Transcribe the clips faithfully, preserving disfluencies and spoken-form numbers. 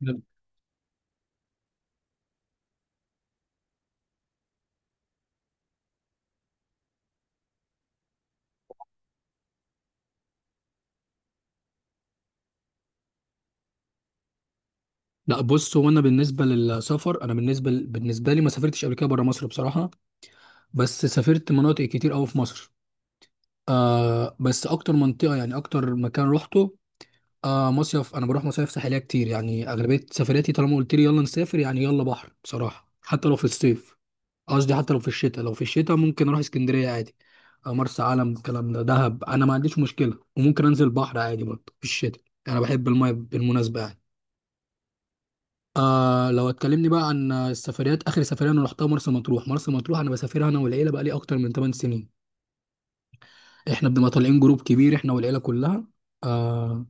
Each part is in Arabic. نعم. لا، بص، هو انا بالنسبه للسفر، انا بالنسبه بالنسبه لي ما سافرتش قبل كده بره مصر بصراحه. بس سافرت مناطق كتير قوي في مصر. آه بس اكتر منطقه يعني اكتر مكان روحته، آه مصيف. انا بروح مصايف ساحليه كتير، يعني اغلبيه سفرياتي طالما قلت لي يلا نسافر يعني يلا بحر بصراحه، حتى لو في الصيف. قصدي حتى لو في الشتاء، لو في الشتاء ممكن اروح اسكندريه عادي. آه مرسى علم، الكلام ده، دهب، انا ما عنديش مشكله، وممكن انزل بحر عادي برضه في الشتاء. انا بحب المايه بالمناسبه يعني. آه لو اتكلمني بقى عن السفريات، اخر سفريه انا رحتها مرسى مطروح. مرسى مطروح انا بسافرها انا والعيله بقى لي اكتر من ثمان سنين. احنا بنبقى طالعين جروب كبير، احنا والعيله كلها. آه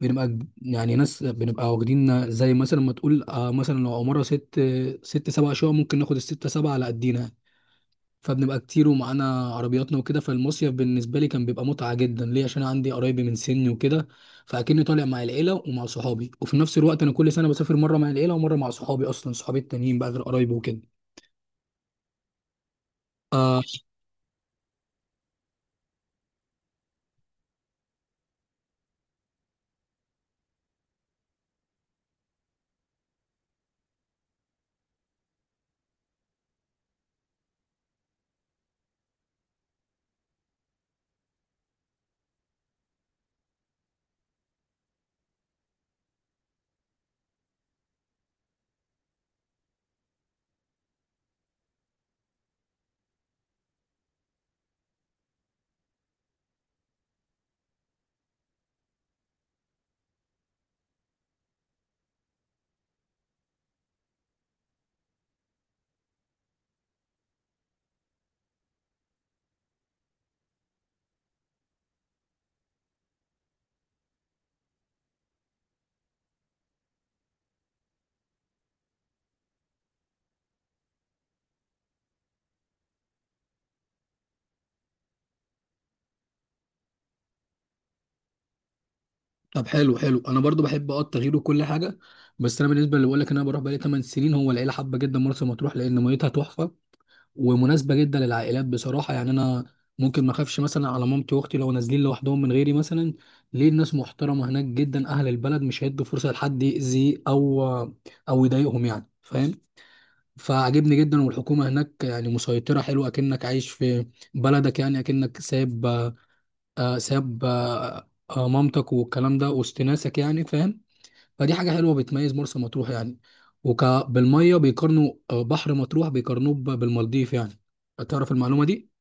بنبقى ج- يعني ناس بنبقى واخدين، زي مثلا ما تقول، آه مثلا لو مره ست ست سبع شقق ممكن ناخد الستة سبعة على قدينا. فبنبقى كتير ومعانا عربياتنا وكده. فالمصيف بالنسبة لي كان بيبقى متعة جدا ليه، عشان أنا عندي قرايبي من سني وكده، فأكني طالع مع العيلة ومع صحابي. وفي نفس الوقت أنا كل سنة بسافر مرة مع العيلة ومرة مع صحابي، أصلا صحابي التانيين بقى غير قرايبي وكده. آه طب، حلو حلو. أنا برضو بحب أه التغيير وكل حاجة. بس أنا بالنسبة اللي بقول لك إن أنا بروح بقالي تمن سنين، هو العيلة حابة جدا مرسى مطروح لأن ميتها تحفة، ومناسبه جدا للعائلات بصراحه. يعني انا ممكن ما اخافش مثلا على مامتي واختي لو نازلين لوحدهم من غيري مثلا، ليه الناس محترمه هناك جدا، اهل البلد مش هيدوا فرصه لحد يأذي او او يضايقهم، يعني فاهم؟ فعجبني جدا، والحكومه هناك يعني مسيطره، حلوه اكنك عايش في بلدك، يعني اكنك ساب آه، ساب آه، آه، مامتك والكلام ده وسط ناسك، يعني فاهم؟ فدي حاجة حلوة بتميز مرسى مطروح يعني. وك بالمية بيقارنوا، آه، بحر مطروح بيقارنوه ب- بالمالديف يعني. تعرف المعلومة دي؟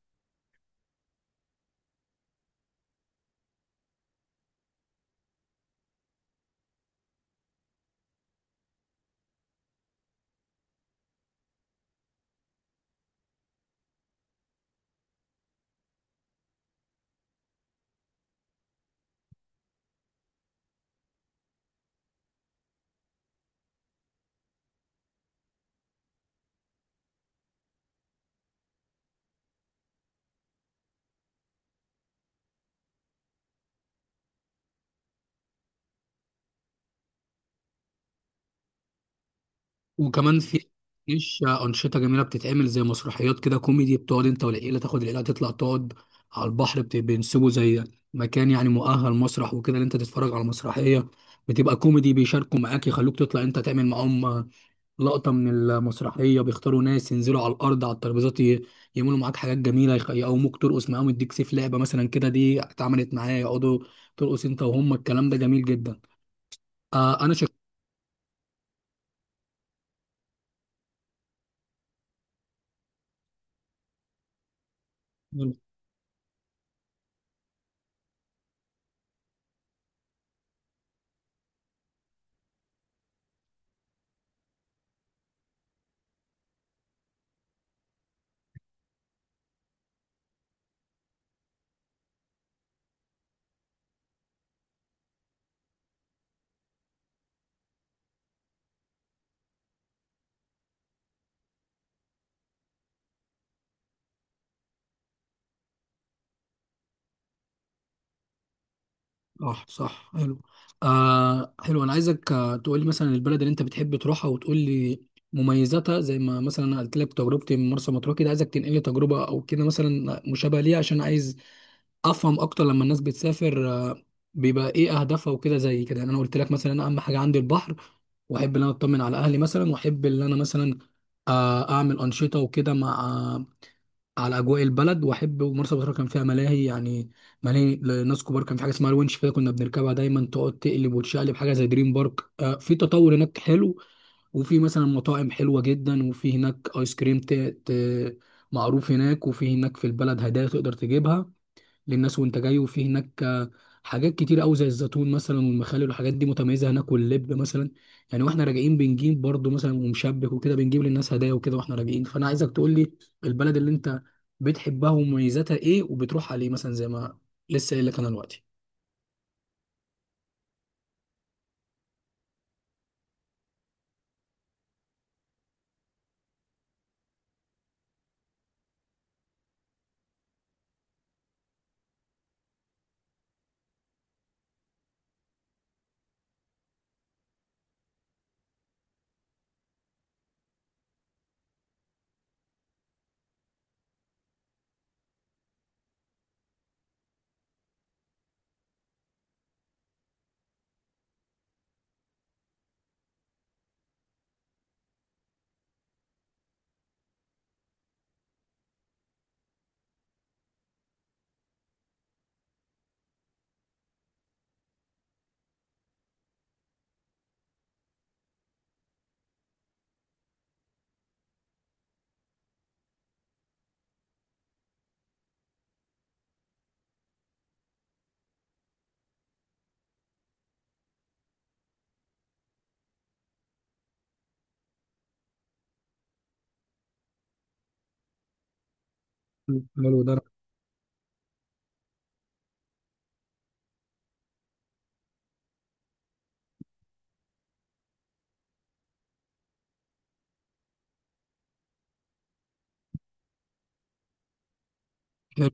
وكمان في، مش أنشطة جميلة بتتعمل زي مسرحيات كده كوميدي، بتقعد أنت والعيلة، تاخد العيلة تطلع تقعد على البحر، بت- بينسبوا زي مكان يعني مؤهل مسرح وكده، اللي أنت تتفرج على مسرحية بتبقى كوميدي، بيشاركوا معاك يخلوك تطلع أنت تعمل معاهم لقطة من المسرحية. بيختاروا ناس ينزلوا على الأرض على الترابيزات، ي- يعملوا معاك حاجات جميلة، يخ- يقوموك ترقص معاهم، يديك سيف لعبة مثلا كده، دي اتعملت معايا، يقعدوا ترقص أنت وهم، الكلام ده جميل جدا. آه أنا شك صح صح حلو. آه حلو. أنا عايزك آه، تقول لي مثلا البلد اللي أنت بتحب تروحها، وتقول لي مميزاتها، زي ما مثلا أنا قلت لك تجربتي من مرسى مطروح كده. عايزك تنقل لي تجربة أو كده مثلا مشابهة ليها، عشان عايز افهم اكتر لما الناس بتسافر آه، بيبقى ايه اهدافها وكده. زي كده يعني، انا قلت لك مثلا انا اهم حاجه عندي البحر، واحب ان انا اطمن على اهلي مثلا، واحب ان انا مثلا آه، اعمل انشطه وكده مع آه، على اجواء البلد. واحب، ومرسى مطروح كان فيها ملاهي، يعني ملاهي لناس كبار، كان في حاجه اسمها الونش كده كنا بنركبها دايما، تقعد تقلب وتشقلب، حاجه زي دريم بارك. آه، في تطور هناك حلو، وفي مثلا مطاعم حلوه جدا، وفي هناك ايس كريم ت- ت- معروف هناك. وفي هناك في البلد هدايا تقدر تجيبها للناس وانت جاي، وفي هناك آه، حاجات كتير قوي زي الزيتون مثلا والمخلل والحاجات دي متميزه هناك، واللب مثلا يعني. واحنا راجعين بنجيب برضو مثلا ومشبك وكده، بنجيب للناس هدايا وكده واحنا راجعين. فانا عايزك تقول لي البلد اللي انت بتحبها ومميزاتها ايه، وبتروح عليه مثلا زي ما لسه قايل لك انا دلوقتي. حلو ده حلو.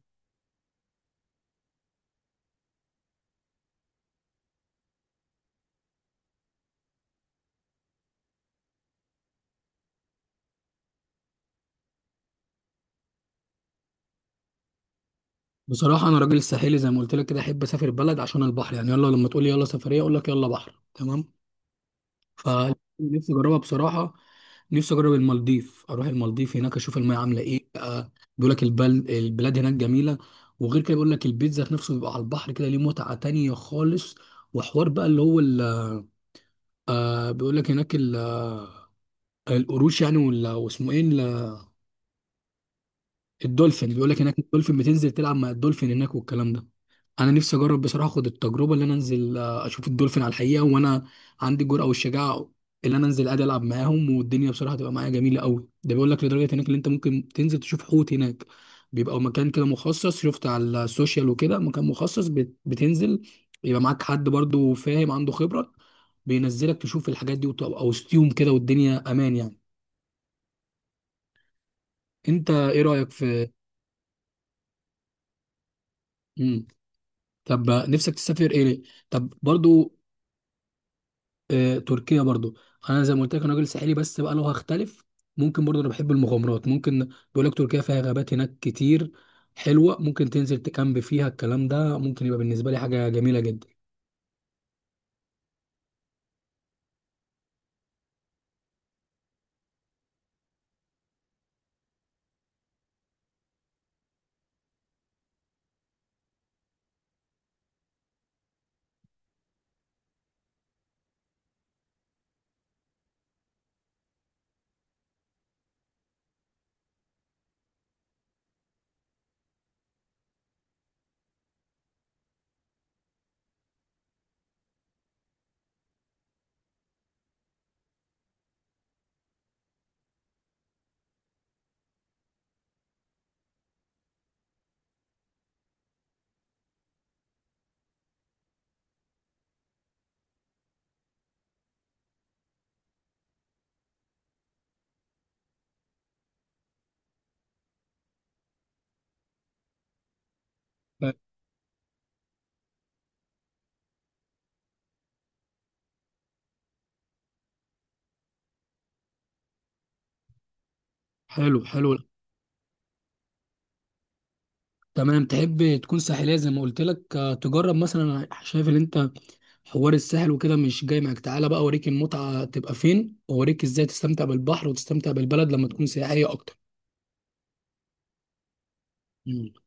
بصراحه انا راجل ساحلي، زي ما قلت لك كده احب اسافر بلد عشان البحر. يعني يلا لما تقول لي يلا سفريه اقول لك يلا بحر، تمام؟ فنفسي اجربها بصراحه. نفسي اجرب المالديف، اروح المالديف هناك اشوف الميه عامله ايه بقى. بيقول لك البل... البلاد هناك جميله، وغير كده بيقول لك البيت ذات نفسه بيبقى على البحر كده، ليه متعه تانية خالص. وحوار بقى اللي هو ال... آه بيقول لك هناك ال... آه، القروش يعني، ولا واسمه ايه، الدولفين. بيقول لك هناك الدولفين بتنزل تلعب مع الدولفين هناك والكلام ده. انا نفسي اجرب بصراحه، اخد التجربه اللي انا انزل آه، اشوف الدولفين على الحقيقه، وانا عندي الجرأه والشجاعه اللي انا انزل ادي العب معاهم، والدنيا بصراحه تبقى معايا جميله قوي. ده بيقول لك لدرجه هناك اللي انت ممكن تنزل تشوف حوت هناك، بيبقى مكان كده مخصص، شفت على السوشيال وكده، مكان مخصص بت- بتنزل يبقى معاك حد برضو فاهم عنده خبره، بينزلك تشوف الحاجات دي وتبقى وسطيهم كده والدنيا امان يعني. انت ايه رايك في، طب نفسك تسافر ايه ليه؟ طب برضو آه تركيا برضو. انا زي ما قلت لك انا راجل ساحلي، بس بقى لو هختلف ممكن برضو انا بحب المغامرات. ممكن بيقول لك تركيا فيها غابات هناك كتير حلوة، ممكن تنزل تكامب فيها، الكلام ده ممكن يبقى بالنسبة لي حاجة جميلة جدا. ف- حلو حلو. تمام تحب تكون ساحلية زي ما قلت لك آه، تجرب مثلا. أنا شايف ان انت حوار الساحل وكده مش جاي معاك، تعالى بقى اوريك المتعة تبقى فين، واوريك ازاي تستمتع بالبحر وتستمتع بالبلد لما تكون سياحية اكتر. مم.